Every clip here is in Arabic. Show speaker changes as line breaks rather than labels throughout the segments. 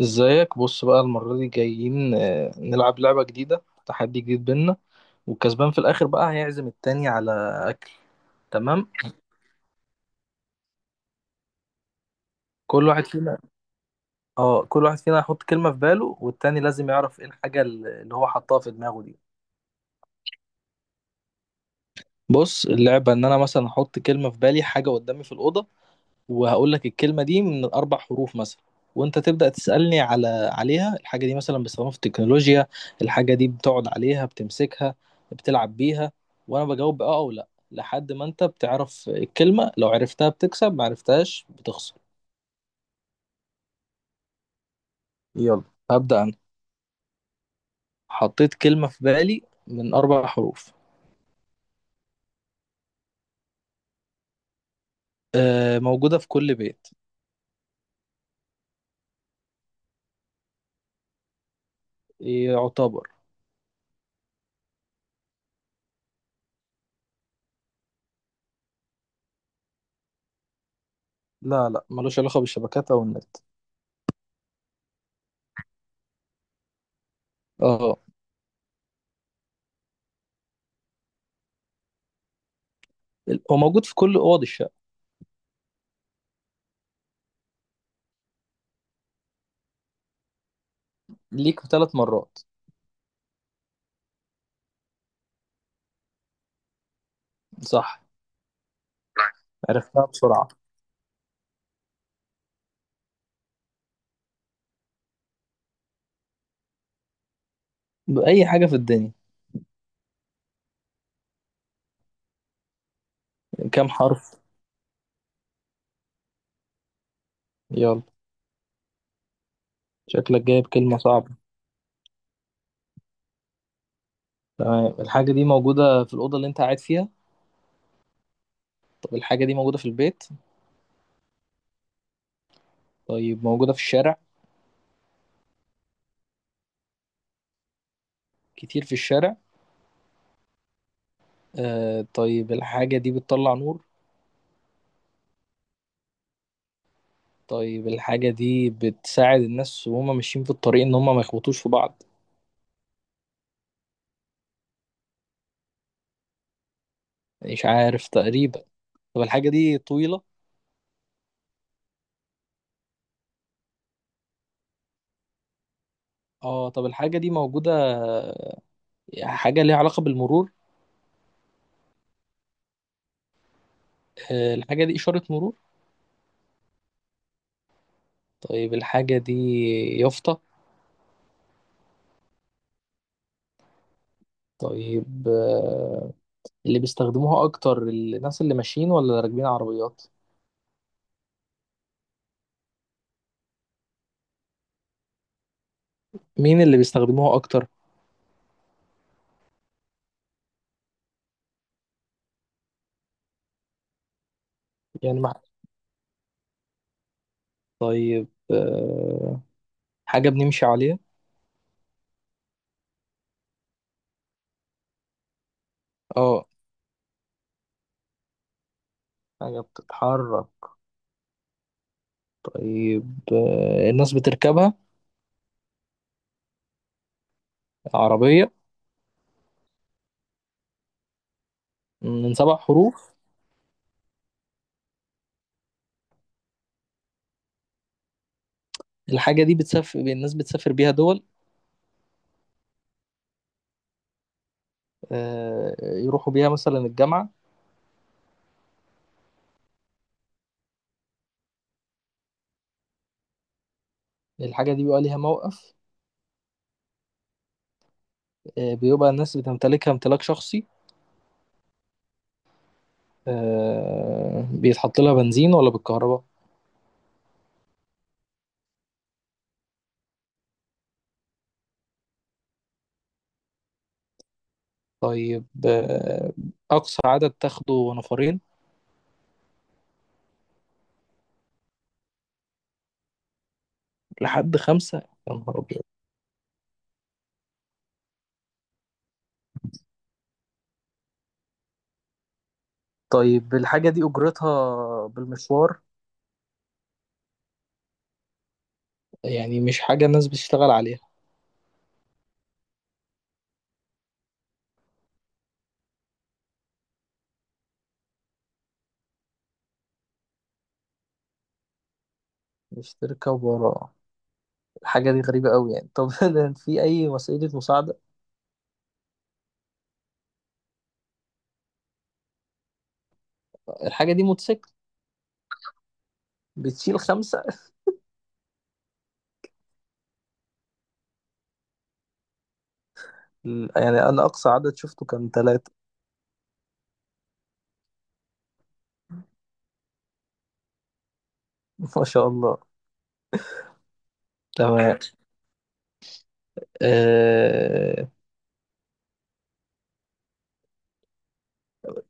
ازيك. بص بقى، المرة دي جايين نلعب لعبة جديدة، تحدي جديد بينا. والكسبان في الآخر بقى هيعزم التاني على أكل. تمام. كل واحد فينا، اه، كل واحد فينا هيحط كلمة في باله، والتاني لازم يعرف ايه الحاجة اللي هو حطها في دماغه دي. بص، اللعبة ان انا مثلا احط كلمة في بالي، حاجة قدامي في الأوضة، وهقول لك الكلمة دي من 4 حروف مثلا، وأنت تبدأ تسألني عليها. الحاجة دي مثلا بيستخدموها في التكنولوجيا، الحاجة دي بتقعد عليها، بتمسكها، بتلعب بيها، وأنا بجاوب بأه أو لأ لحد ما أنت بتعرف الكلمة. لو عرفتها بتكسب، ما عرفتهاش بتخسر. يلا، هبدأ أنا. حطيت كلمة في بالي من 4 حروف. آه، موجودة في كل بيت. يعتبر. لا لا، ملوش علاقة بالشبكات أو النت. اه. هو موجود في كل أوض الشقة. ليك 3 مرات. صح. عرفتها بسرعة. بأي حاجة في الدنيا. كام حرف؟ يلا. شكلك جايب كلمة صعبة. تمام، الحاجة دي موجودة في الأوضة اللي أنت قاعد فيها؟ طب الحاجة دي موجودة في البيت؟ طيب موجودة في الشارع؟ كتير في الشارع؟ آه، طيب الحاجة دي بتطلع نور؟ طيب الحاجة دي بتساعد الناس وهم ماشيين في الطريق إن هم ما يخبطوش في بعض؟ مش عارف تقريبا. طب الحاجة دي طويلة؟ اه، طب الحاجة دي موجودة، حاجة ليها علاقة بالمرور؟ آه، الحاجة دي إشارة مرور؟ طيب الحاجة دي يافطة؟ طيب اللي بيستخدموها اكتر الناس اللي ماشيين ولا اللي راكبين عربيات؟ مين اللي بيستخدموها اكتر؟ يعني مع... طيب حاجة بنمشي عليها؟ اه، حاجة بتتحرك. طيب الناس بتركبها؟ عربية؟ من 7 حروف. الحاجة دي بتسافر، الناس بتسافر بيها دول؟ آه، يروحوا بيها مثلا الجامعة؟ الحاجة دي بيبقى ليها موقف؟ آه، بيبقى الناس بتمتلكها امتلاك شخصي؟ آه، بيتحط لها بنزين ولا بالكهرباء؟ طيب أقصى عدد تاخده نفرين؟ لحد 5؟ يا نهار أبيض. طيب الحاجة دي أجرتها بالمشوار؟ يعني مش حاجة الناس بتشتغل عليها؟ مش تركب ورا. الحاجة دي غريبة أوي يعني. طب ده في أي وسيلة مساعدة؟ الحاجة دي موتوسيكل؟ بتشيل 5؟ يعني أنا أقصى عدد شفته كان 3. ما شاء الله. تمام. آه...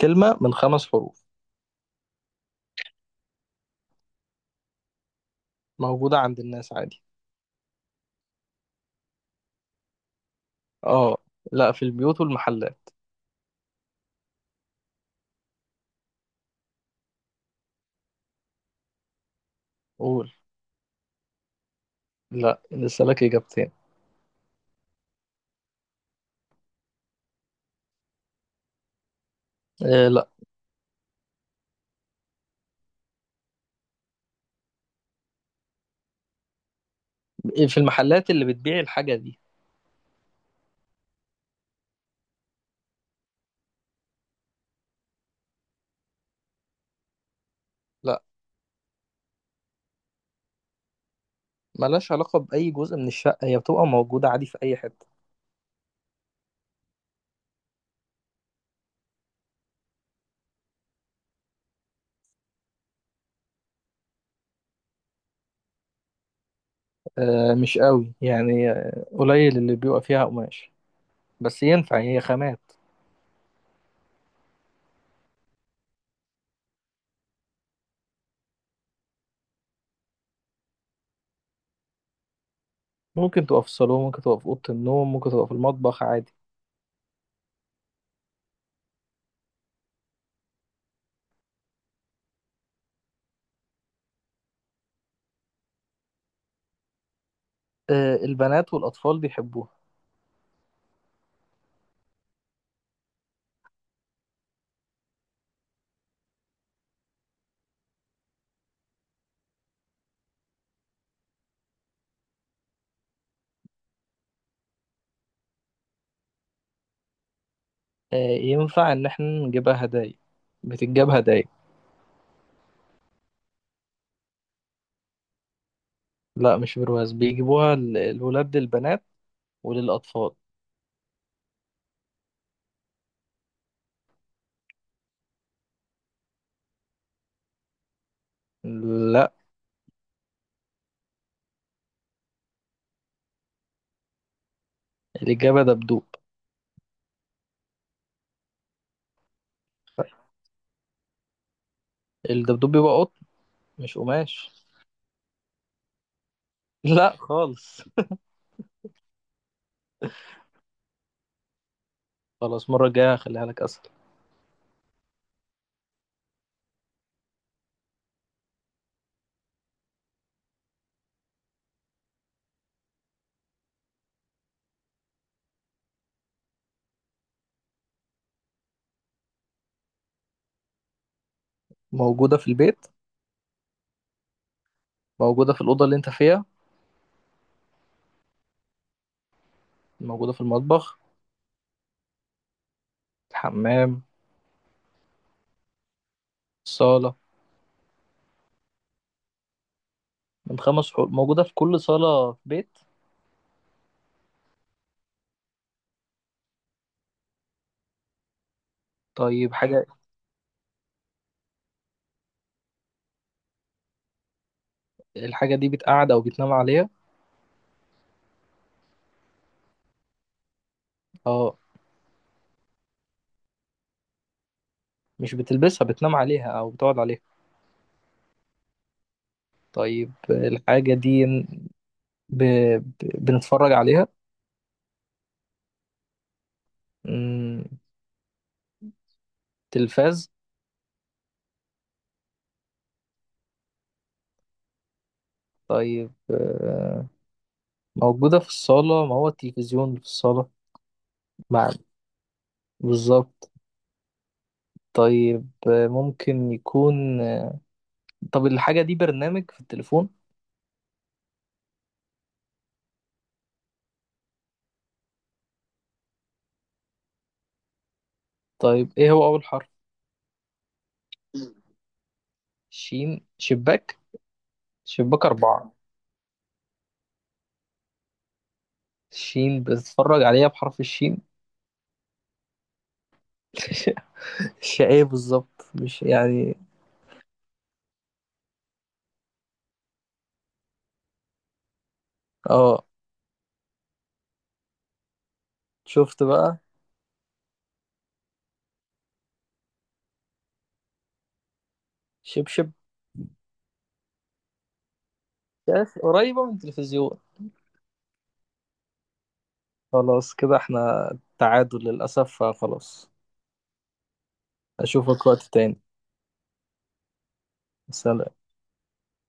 كلمة من 5 حروف. موجودة عند الناس عادي. اه. لا، في البيوت والمحلات. قول. لا، لسه لك اجابتين. آه لا. إيه، في المحلات اللي بتبيع الحاجه دي. لا. ملهاش علاقه باي جزء من الشقه، هي بتبقى موجوده عادي في اي حته. آه مش قوي يعني، قليل اللي بيبقى فيها قماش، بس ينفع هي خامات. ممكن تبقى في الصالون، ممكن تبقى في اوضه النوم، ممكن تبقى في المطبخ عادي. آه البنات والاطفال بيحبوها. آه ينفع ان احنا نجيبها هدايا؟ بتتجاب هدايا. لا مش برواز، بيجيبوها الولاد للبنات وللاطفال. لا. الاجابه دبدوب. الدبدوب بيبقى قط، مش قماش. لا خالص. خلاص، المرة الجاية هخليها لك أسهل. موجودة في البيت. موجودة في الأوضة اللي أنت فيها؟ موجودة في المطبخ؟ الحمام؟ الصالة؟ من خمس حروف موجودة في كل صالة في بيت. طيب حاجة، الحاجة دي بتقعد أو بتنام عليها؟ اه. مش بتلبسها، بتنام عليها أو بتقعد عليها. طيب الحاجة دي ب... بنتفرج عليها؟ مم، تلفاز؟ طيب موجودة في الصالة، ما هو التلفزيون في الصالة. مع. بالظبط. طيب آه، ممكن يكون آه، طب الحاجة دي برنامج في التليفون؟ طيب ايه هو أول حرف؟ شين. شباك. شباك 4. شين بتتفرج عليها بحرف الشين. ش- ايه بالظبط مش يعني. اه شفت بقى. شبشب. شاف قريبة من التلفزيون. خلاص، كده احنا تعادل للأسف، فخلاص. أشوفك وقت تاني. سلام.